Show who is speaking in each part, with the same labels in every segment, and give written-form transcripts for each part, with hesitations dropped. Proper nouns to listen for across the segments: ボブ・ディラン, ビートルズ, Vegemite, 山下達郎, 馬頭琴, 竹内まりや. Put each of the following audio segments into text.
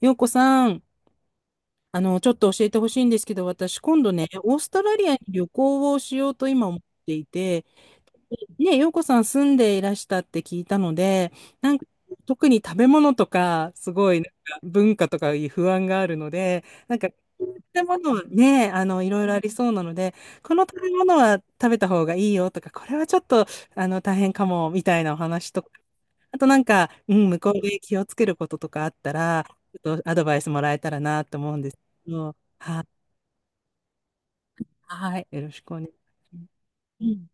Speaker 1: ようこさん、ちょっと教えてほしいんですけど、私、今度ね、オーストラリアに旅行をしようと今思っていて、ね、洋子さん住んでいらしたって聞いたので、なんか、特に食べ物とか、すごい、なんか文化とかいう不安があるので、なんか、食べ物はね、いろいろありそうなので、この食べ物は食べた方がいいよとか、これはちょっと、大変かも、みたいなお話とか、あとなんか、うん、向こうで気をつけることとかあったら、ちょっとアドバイスもらえたらなと思うんです。うん、は、はい、よろしくお願いします。うん。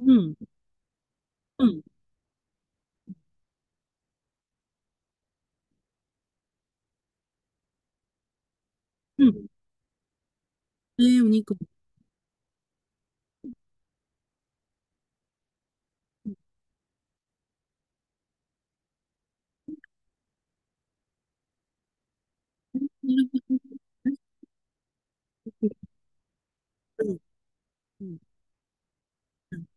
Speaker 1: うん。うん。うん。えー、お肉。なるほど。うん。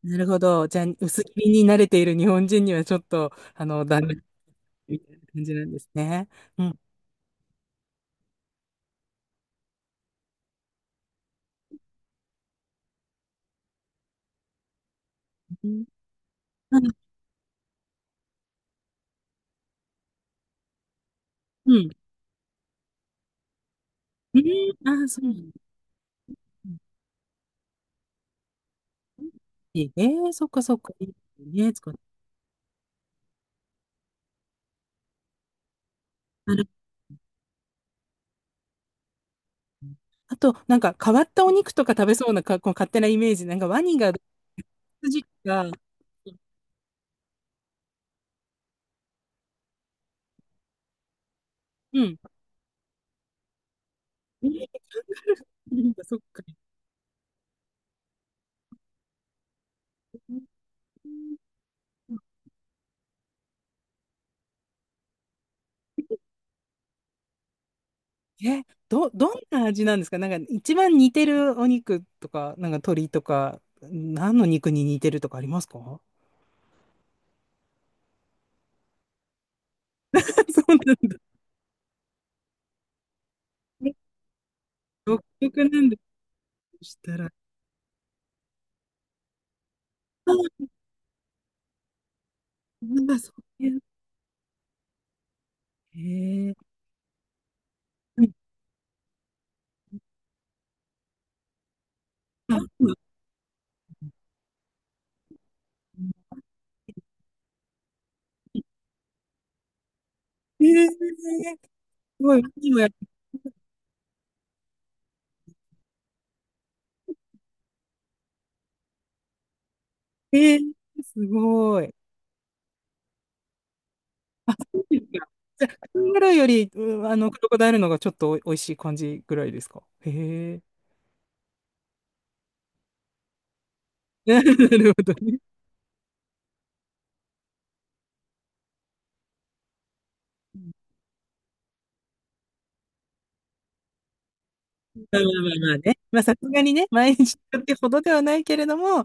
Speaker 1: なるほど。じゃあ、薄切りに慣れている日本人にはちょっと、ダメみたいな感じなんですね。うん。うん。うん。うん。えー。あー、そうなんだ。うん。えー、そっかそっか。いいですね、使って。なるほど。あと、なんか変わったお肉とか食べそうなか、こう勝手なイメージ。なんかワニが、筋が、うん。えー、なんかそっか。え、どんな味なんですか？なんか一番似てるお肉とか、なんか鶏とか、何の肉に似てるとかありますか？ そうなんだ。え、独特なんだとしたら。あ、なんかそういう。へえ。うん。あ、えー、すごい、ワニもやって、えー、すごい。そうですか。じゃあ、カンガルーより、うん、クロコダイルの方がちょっとおいしい感じぐらいですか？へえ。なるほどね。まあまあまあまあね。まあ、さすがにね、毎日ってほどではないけれども、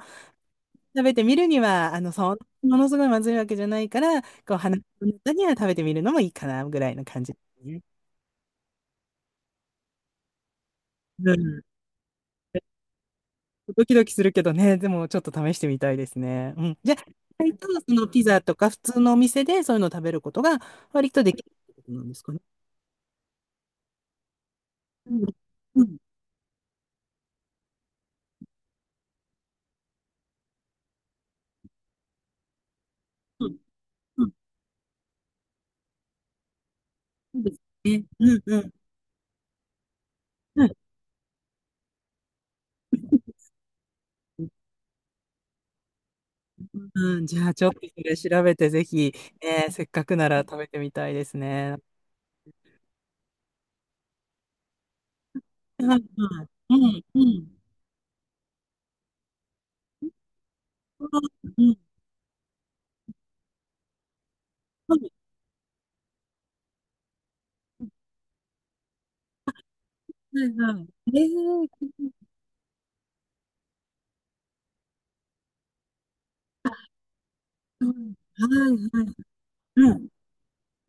Speaker 1: 食べてみるには、そんものすごいまずいわけじゃないから、こう、話の中には食べてみるのもいいかな、ぐらいの感じですね。うん。ドキドキするけどね、でもちょっと試してみたいですね。うん。じゃあ、割とそのピザとか普通のお店でそういうのを食べることが割とできるってことなんですかね？うん。うん。うん。うん。そうですね。うん。うん。うん。うん、じゃあちょっとそれ調べてぜひ、えー、せっかくなら食べてみたいですね。はいはい。うんうん。うんうん。はいはい。えー、うん。はいはい。うん。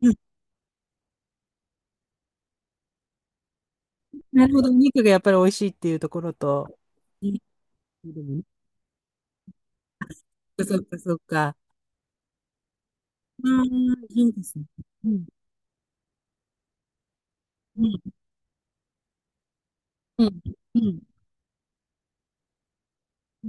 Speaker 1: うん。なるほど。お肉がやっぱり美味しいっていうところと。うん。そっかそっかそっか。うん、いいですね。うん。うん。うん。うん。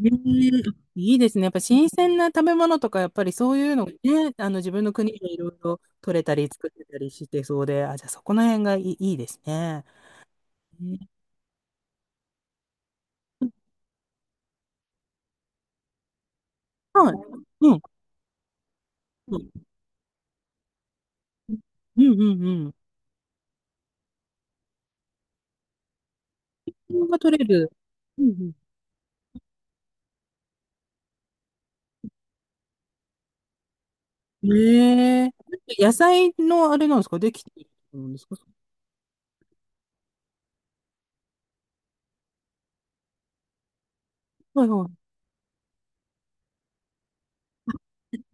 Speaker 1: うん、いいですね。やっぱ新鮮な食べ物とか、やっぱりそういうのがね、自分の国でいろいろ取れたり作れたりしてそうで、あ、じゃあそこの辺がいい、いいですね。うん。はい。うん。うん。うん。うん。うん。が取れる。うん。うん。ええ、野菜のあれなんですか？できてるんですか？はいはい。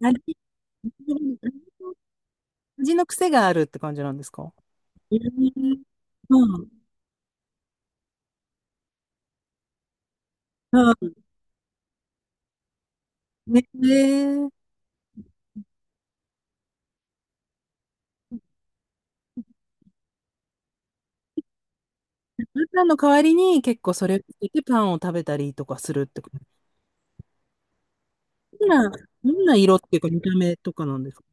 Speaker 1: 味、味の癖があるって感じなんですか？うん。うん。うん。ねえ、パンの代わりに結構それをつけてパンを食べたりとかするってこと？どんな、どんな色っていうか見た目とかなんですか？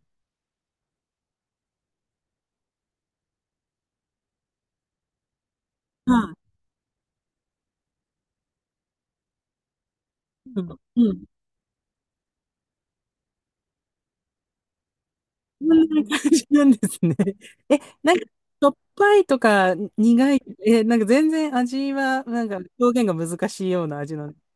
Speaker 1: はい。うん。うん。そんな感じなんですね。え、なんか、しょっぱいとか苦い、え、なんか全然味は、なんか表現が難しいような味なんです。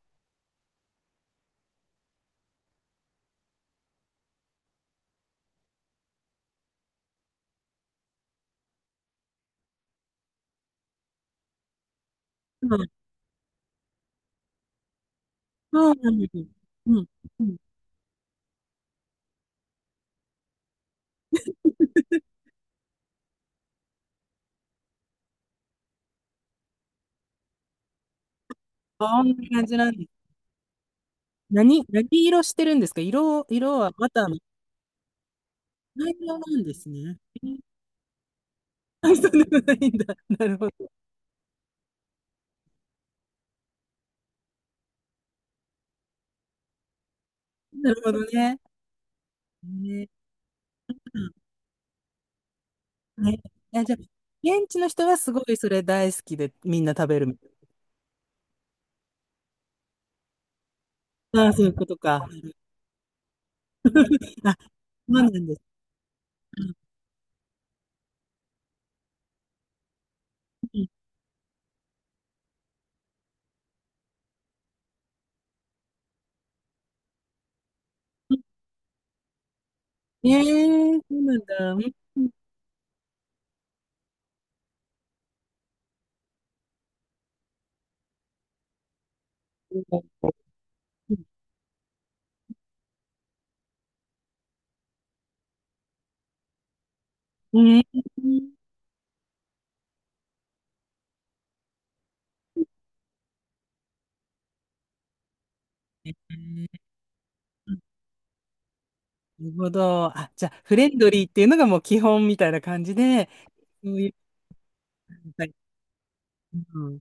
Speaker 1: うん。そうなんですよ。うん。うん。あ、こんな感じなんです。何色してるんですか？色はバターの、何色なんですね。あ、そうでもないんだ。なるほど。なるほどね。ね。うん。ね、え、じゃあ、現地の人はすごいそれ大好きでみんな食べるみたいな？ああ、そういうことか。あ、そうなんです。ええー、そうなんだ。うん。うん。うん。なるほど。あ、じゃあ、フレンドリーっていうのがもう基本みたいな感じで、そういう、はい。うん。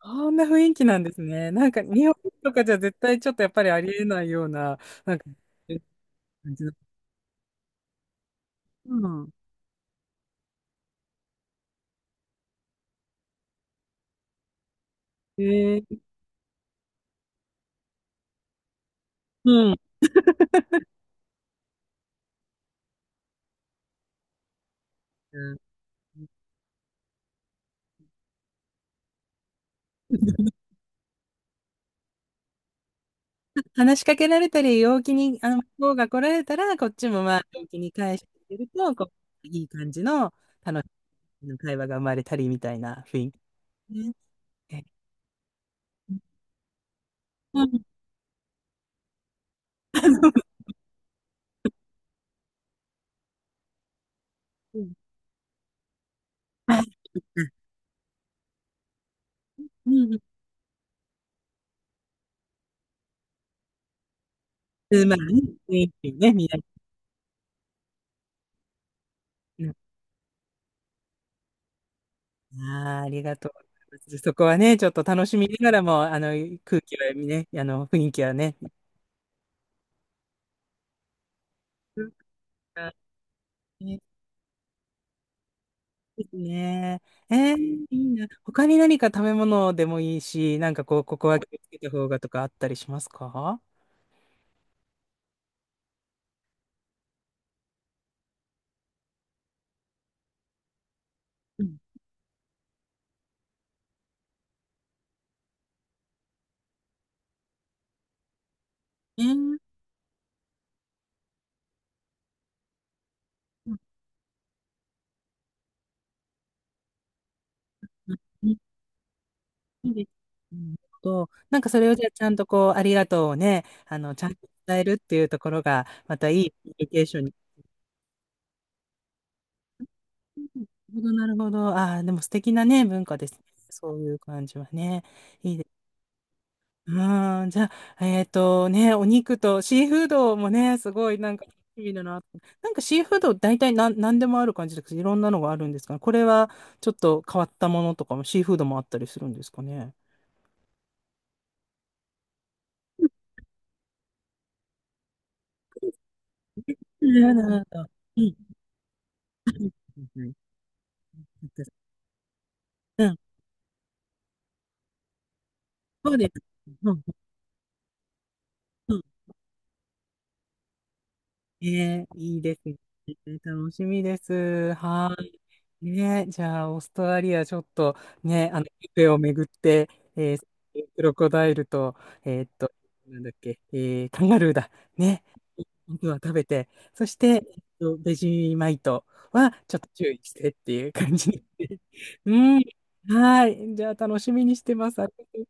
Speaker 1: こんな雰囲気なんですね。なんか、日本とかじゃ絶対ちょっとやっぱりありえないような、なんか、感じの。うん。えー、うん。うん、話しかけられたり、陽気に、向こうが来られたら、こっちもまあ、陽気に返してあげると、こう、いい感じの楽しい会話が生まれたりみたいな雰囲気ね。え、うん。うん。は、うん。うん。うん、まあね、雰囲気ね、見られる。うん。ああ、ありがとうございます。そこはね、ちょっと楽しみながらも、空気はね、雰囲気はね。うん、ですね。えー、いいな。他に何か食べ物でもいいし、なんかこう、ここは気をつけた方がとかあったりしますか？うん。えー。うん。いいですね。と、なんかそれをじゃあちゃんとこう、ありがとうをね、ちゃんと伝えるっていうところが、またいいコミュニケーションに。うん、なるほど、なるほど。ああ、でも素敵なね、文化ですね。そういう感じはね。いいですね。うん。じゃあ、お肉とシーフードもね、すごいなんか楽しみだな。なんかシーフード大体何でもある感じですけど、いろんなのがあるんですかね？これはちょっと変わったものとかも、シーフードもあったりするんですかね？うん、ん、うん。うん。うん。うん、そうです。うん。ねえ、いいですね。楽しみです。はい。ねえ、じゃあ、オーストラリア、ちょっとね、ビュッフェを巡って、えークロコダイルと、えーっと、なんだっけ、カンガルーだ。ね。本当は食べて、そして、ベジマイトはちょっと注意してっていう感じで。うん。はい。じゃあ、楽しみにしてます。ありがとう